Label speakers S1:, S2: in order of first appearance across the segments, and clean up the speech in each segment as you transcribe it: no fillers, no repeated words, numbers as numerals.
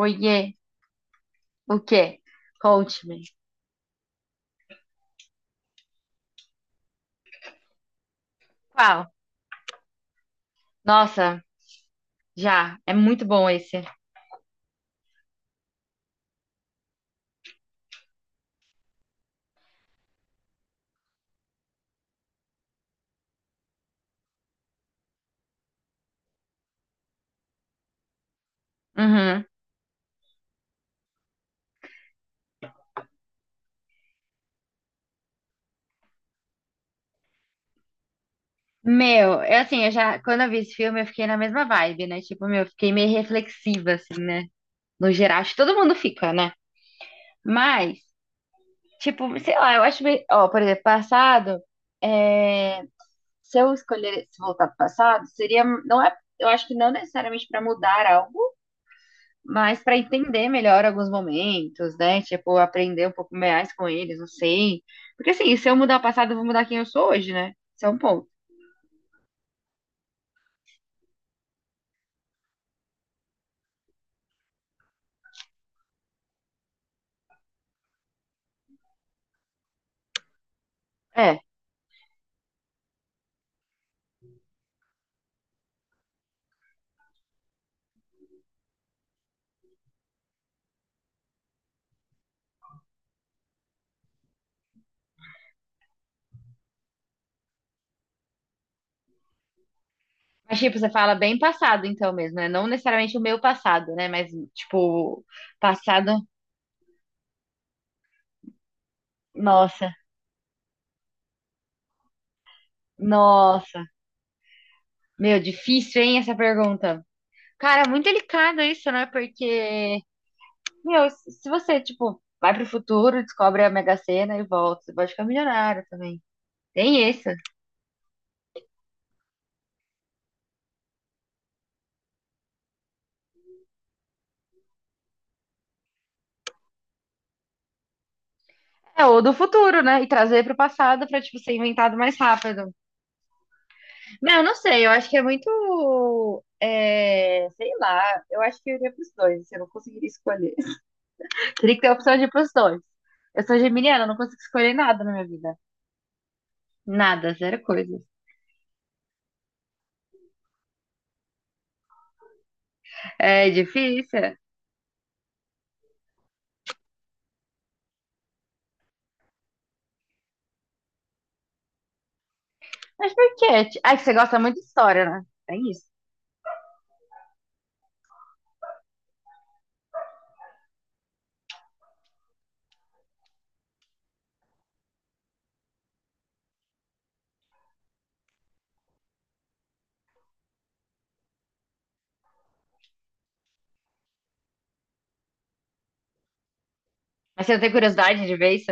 S1: Oiê, o quê? Conte-me. Qual? Nossa, já, é muito bom esse. Uhum. Meu, eu já, quando eu vi esse filme, eu fiquei na mesma vibe, né? Tipo, meu, eu fiquei meio reflexiva, assim, né? No geral, acho que todo mundo fica, né? Mas, tipo, sei lá, eu acho meio... Ó, por exemplo, passado, é... se eu escolher se voltar pro passado, seria... Não é... Eu acho que não necessariamente pra mudar algo, mas para entender melhor alguns momentos, né? Tipo, aprender um pouco mais com eles, não sei. Porque assim, se eu mudar o passado, eu vou mudar quem eu sou hoje, né? Isso é um ponto. É. Mas, tipo, você fala bem passado, então mesmo, né? Não necessariamente o meu passado, né? Mas, tipo, passado. Nossa, nossa. Meu, difícil, hein, essa pergunta. Cara, muito delicado isso, né? Porque, meu, se você, tipo, vai pro futuro, descobre a Mega Sena e volta, você pode ficar milionário também. Tem isso. É, ou do futuro, né? E trazer pro passado pra, tipo, ser inventado mais rápido. Não, eu não sei, eu acho que é muito. Sei lá, eu acho que eu iria pros dois, assim, eu não conseguiria escolher. Teria que ter a opção de ir pros dois. Eu sou geminiana, eu não consigo escolher nada na minha vida. Nada, zero coisa. É difícil. Mas por quê? Ah, que você gosta muito de história, né? É isso. Mas você não tem curiosidade de ver isso?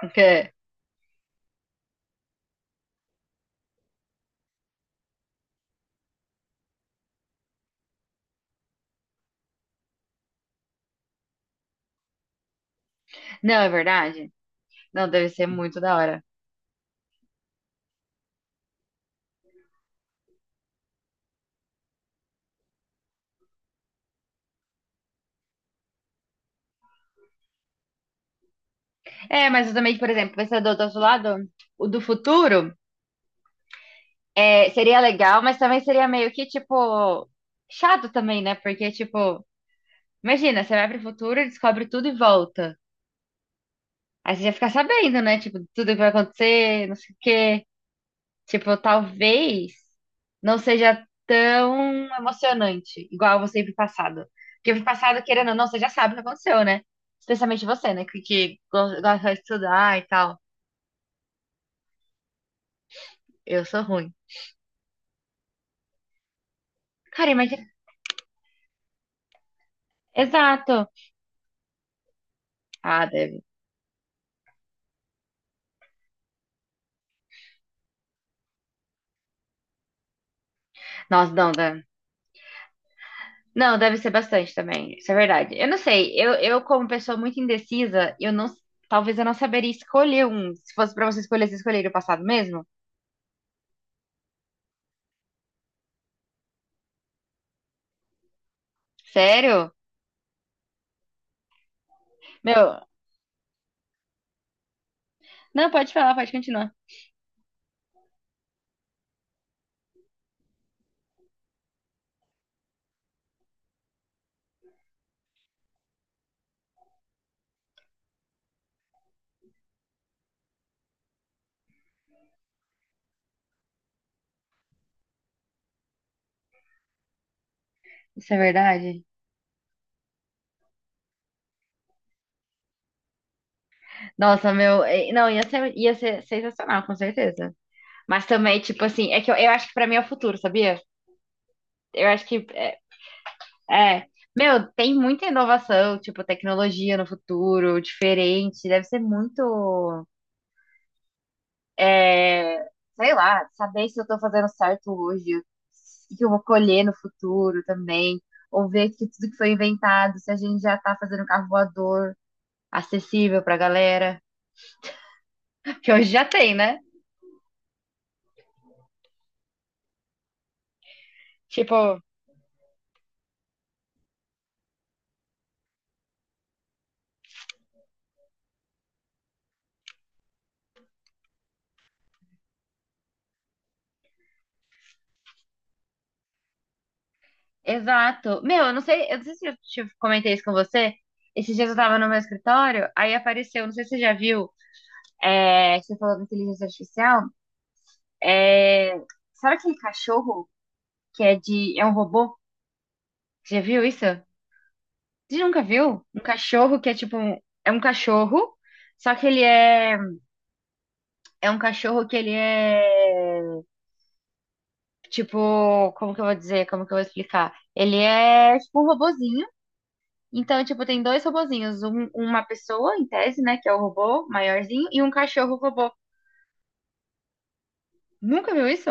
S1: Porque. Não, é verdade? Não, deve ser muito da hora. É, mas eu também, por exemplo, pensador do outro lado, o do futuro. É, seria legal, mas também seria meio que, tipo, chato também, né? Porque, tipo, imagina, você vai pro futuro, descobre tudo e volta. Aí você já fica sabendo, né? Tipo, tudo que vai acontecer, não sei o quê. Tipo, talvez não seja tão emocionante, igual você ir pro passado. Porque ir pro passado, querendo ou não, você já sabe o que aconteceu, né? Especialmente você, né? Que gosta de estudar e tal. Eu sou ruim. Cara, imagina. Exato. Ah, deve. Nossa, não. Não, deve ser bastante também. Isso é verdade. Eu não sei. Eu como pessoa muito indecisa, eu não, talvez eu não saberia escolher um. Se fosse pra você escolher, você escolheria o passado mesmo? Sério? Meu, não, pode falar, pode continuar. Isso é verdade? Nossa, meu, não, ia ser sensacional, com certeza. Mas também, tipo assim, é que eu acho que pra mim é o futuro, sabia? Eu acho que é, é. Meu, tem muita inovação, tipo, tecnologia no futuro, diferente, deve ser muito É, sei lá, saber se eu tô fazendo certo hoje, o que eu vou colher no futuro também, ou ver que tudo que foi inventado, se a gente já tá fazendo carro voador acessível pra galera, que hoje já tem, né? Tipo, exato. Meu, eu não sei se eu te comentei isso com você. Esses dias eu tava no meu escritório, aí apareceu, não sei se você já viu, é, você falou da inteligência artificial, é, sabe aquele cachorro que é de, é um robô? Você já viu isso? Você nunca viu um cachorro que é tipo um, é um cachorro, só que ele é é um cachorro que ele é tipo, como que eu vou dizer, como que eu vou explicar? Ele é tipo um robozinho. Então, tipo, tem dois robozinhos, uma pessoa em tese, né, que é o robô maiorzinho e um cachorro robô. Nunca viu isso?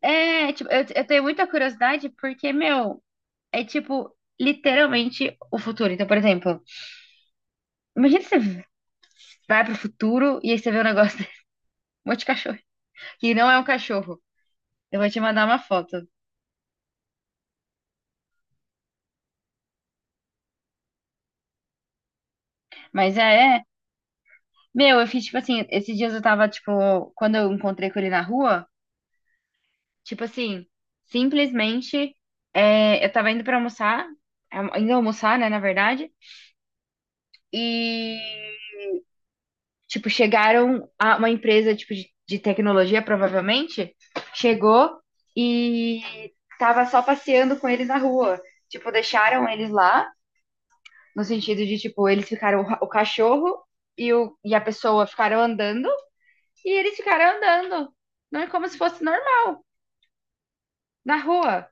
S1: É, tipo, eu tenho muita curiosidade porque, meu, é tipo literalmente o futuro. Então, por exemplo, imagina você vai pro futuro e aí você vê um negócio, um monte de cachorro que não é um cachorro. Eu vou te mandar uma foto. Mas é, é. Meu, eu fiz tipo assim, esses dias eu tava, tipo, quando eu encontrei com ele na rua, tipo assim, simplesmente eu tava indo pra almoçar, é, indo almoçar, né, na verdade, e tipo, chegaram a uma empresa tipo de tecnologia, provavelmente, chegou e tava só passeando com ele na rua. Tipo, deixaram eles lá. No sentido de, tipo, eles ficaram, o cachorro e, o, e a pessoa ficaram andando e eles ficaram andando. Não é como se fosse normal, na rua.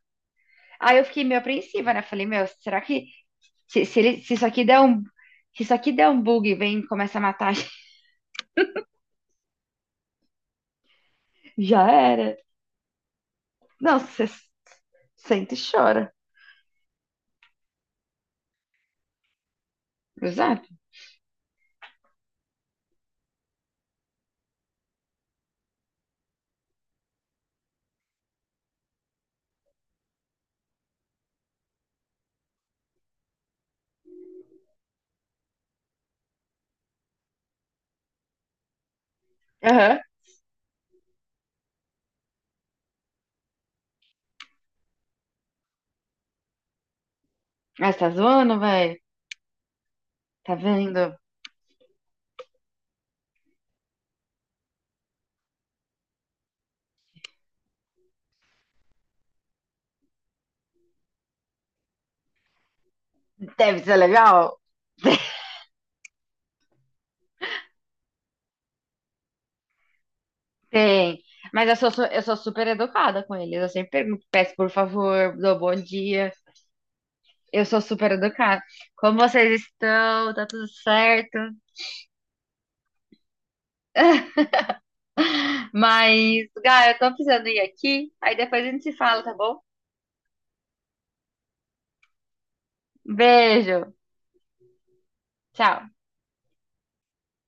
S1: Aí eu fiquei meio apreensiva, né? Falei, meu, será que se isso aqui der um, se isso aqui der um bug e vem e começa a matar, já era. Não, você sente e chora. Exato. Aham. Ah, você tá zoando, velho? Tá vendo? Deve ser legal. Tem. Mas eu sou, eu sou super educada com eles. Eu sempre pergunto, peço por favor, dou bom dia. Eu sou super educada. Como vocês estão? Tá tudo certo? Mas, Gá, eu tô precisando ir aqui. Aí depois a gente se fala, tá bom? Beijo. Tchau.